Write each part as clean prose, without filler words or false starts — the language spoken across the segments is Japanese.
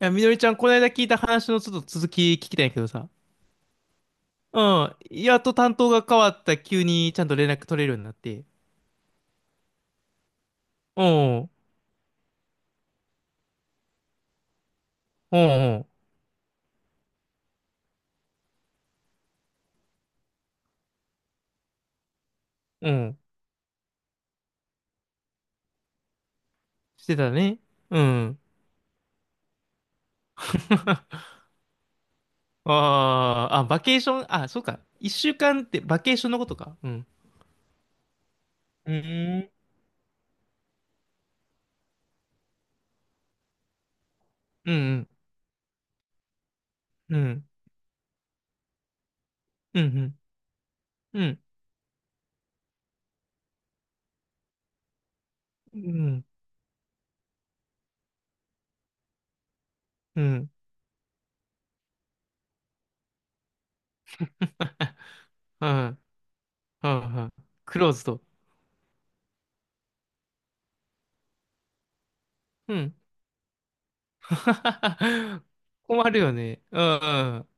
いや、みのりちゃん、この間聞いた話のちょっと続き聞きたいんやけどさ。うん。やっと担当が変わった急にちゃんと連絡取れるようになって。うん。うん。うん。してたね。うん。あーあ、バケーション、あ、そうか。一週間ってバケーションのことか。うん。うん。うん。うん。うん。うん。うん。うん。うん。うん。クローズド。うん。困るよね。うん。うん。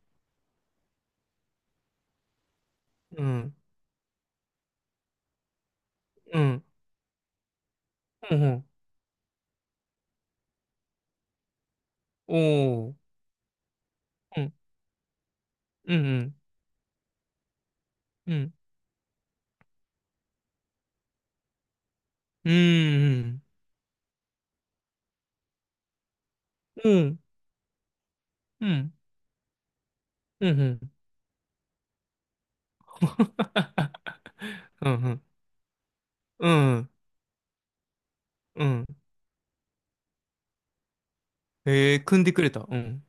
うん。うん。うん。おー。うん。うん。うん。うん。うん。うん。うん。うん。うん。うん。うん。えー、組んでくれた。うん。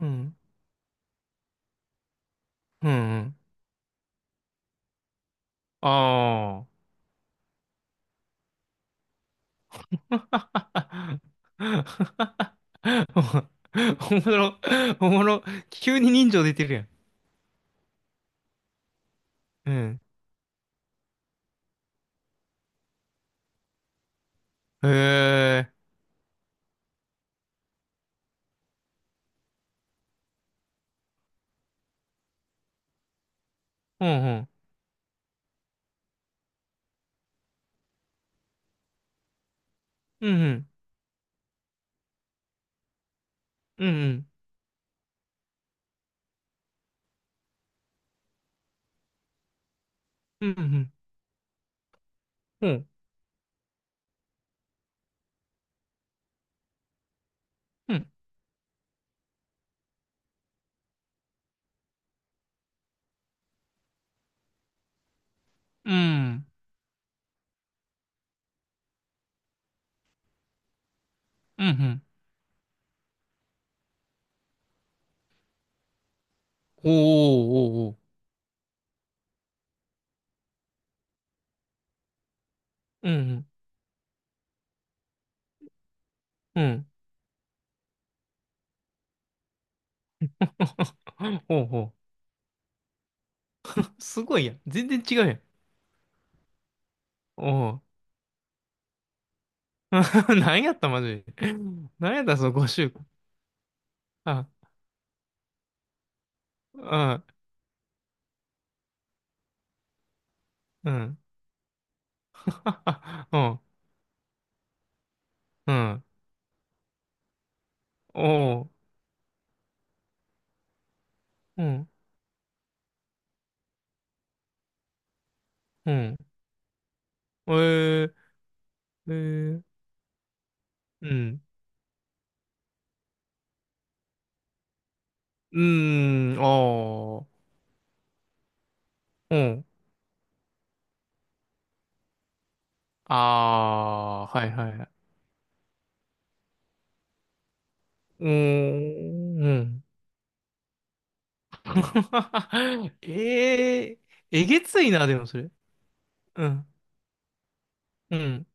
うん。うん。ああ。おもろ、おもろ、急に人情出てるやん。うん。へえ。うん。うん。うん。うん。うん。うん。うん。うん。うん。うん。おおおお。うん。うん。ほうほう。すごいやん。全然違うやん。おう。何やったマジで。何やったその5週間。あ、あ、うん。うん。うん。おう。うん。うん。えー、えー、うん。うーん。おー。うん。あー。はいはいはい。うーん。うん。えー、えげついな、でもそれ。うん。うん。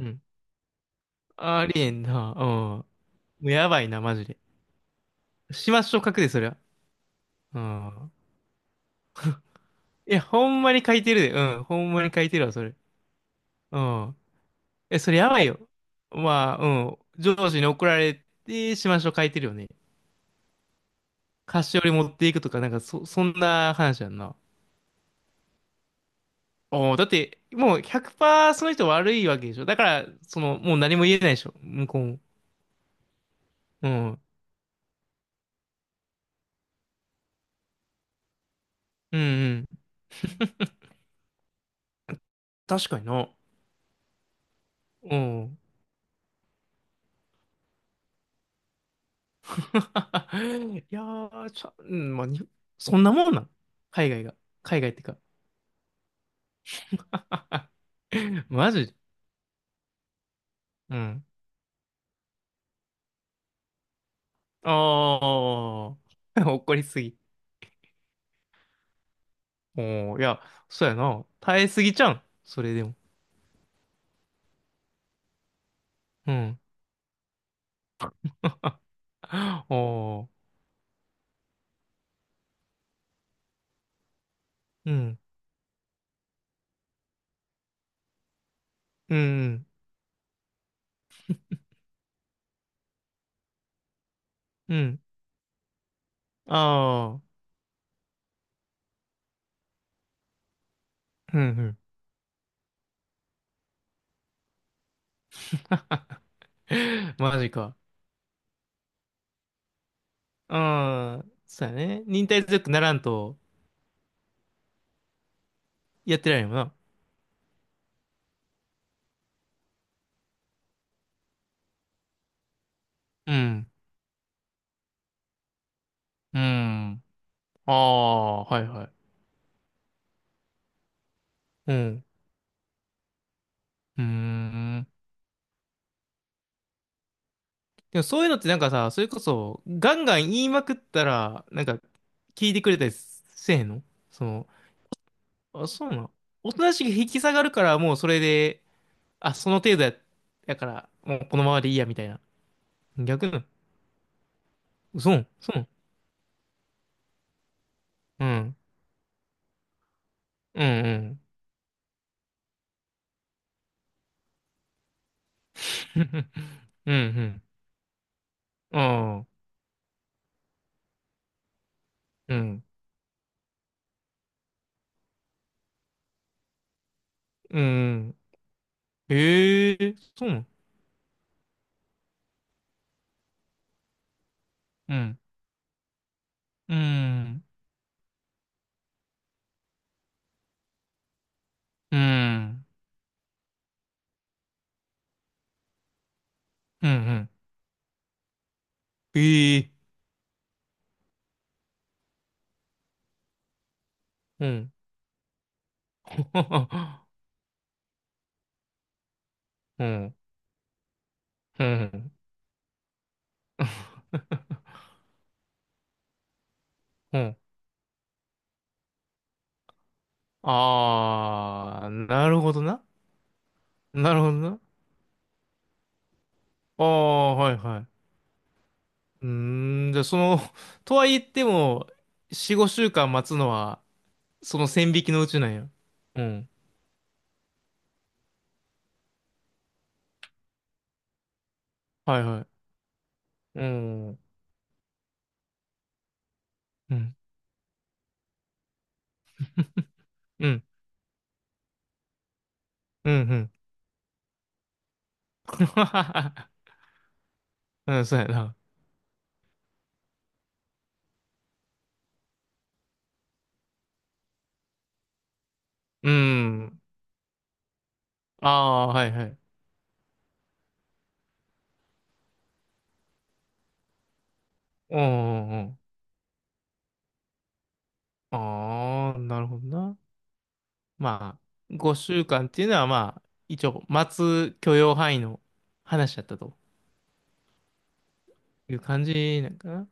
うん。ありえんな。もうやばいな、マジで。しましょう、書くで、そりゃ。うん。いや、ほんまに書いてるで。うん。ほんまに書いてるわ、それ。うん。え、それやばいよ。まあ、うん。上司に怒られて、しましょう書いてるよね。菓子折り持っていくとか、なんか、そんな話やんな。おおだって、もう100%その人悪いわけでしょ。だから、その、もう何も言えないでしょ。向こうも。うん。うんうん。確かにな。うん。いやー、うん、まあ、そんなもんなん海外が。海外ってか。マジうん。ああ、怒りすぎ。おお、いや、そうやな。耐えすぎちゃうん。それでも。うん。おお、うん。うん。うん。ああ、うん、うん。マジか。ああ、そうやね。忍耐強くならんと、やってられんよな。うん。うん。ああ、はいはい。うん。うーん。でもそういうのってなんかさ、それこそ、ガンガン言いまくったら、なんか、聞いてくれたりせえへんのその、あ、そうなの。おとなしく引き下がるから、もうそれで、あ、その程度や、やから、もうこのままでいいや、みたいな。逆なの。そうそううん。うん、うん。うん、うん。ああ、うん。うん。ええそうなの。うん。うん。うん。うん、うん。ええうん。うん。うん。うん。ああ、なるほどな。なるほどな。ああ、はいはい。うーん、じゃあその、とは言っても、4、5週間待つのは、その線引きのうちなんや。うん。はいはい。うん。うん。うん。うん。うん。うん、そうやな。うん。ああ、はいはい。うん。うん。ああー、なるほどな。まあ、5週間っていうのはまあ、一応、待つ許容範囲の話だったという感じなんかな。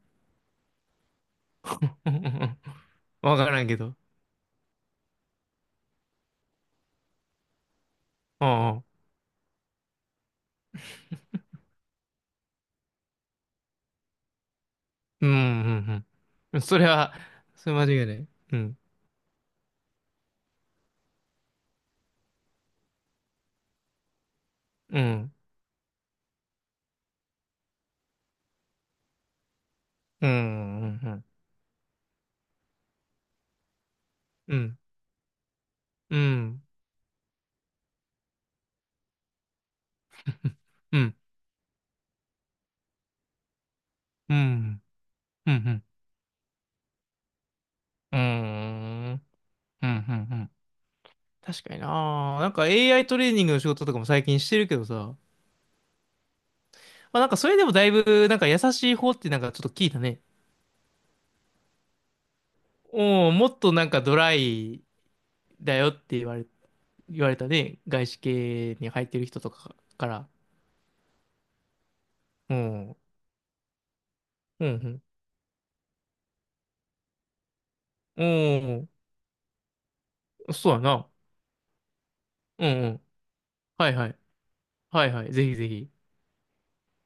うんうんわからんけど。うんうん。うんうんうん。それは、それ間違いない。うん。うん。うん。うん。うん。うん。うん。うん。うん。うん。うん。うん確かにな。なんか AI トレーニングの仕事とかも最近してるけどさ。まあなんかそれでもだいぶ、なんか優しい方ってなんかちょっと聞いたね。おもっとなんかドライだよって言われ、言われたね。外資系に入ってる人とかから。うん。うんうんうん。そうやな。うんうん。はいはい。はいはい。ぜひぜひ。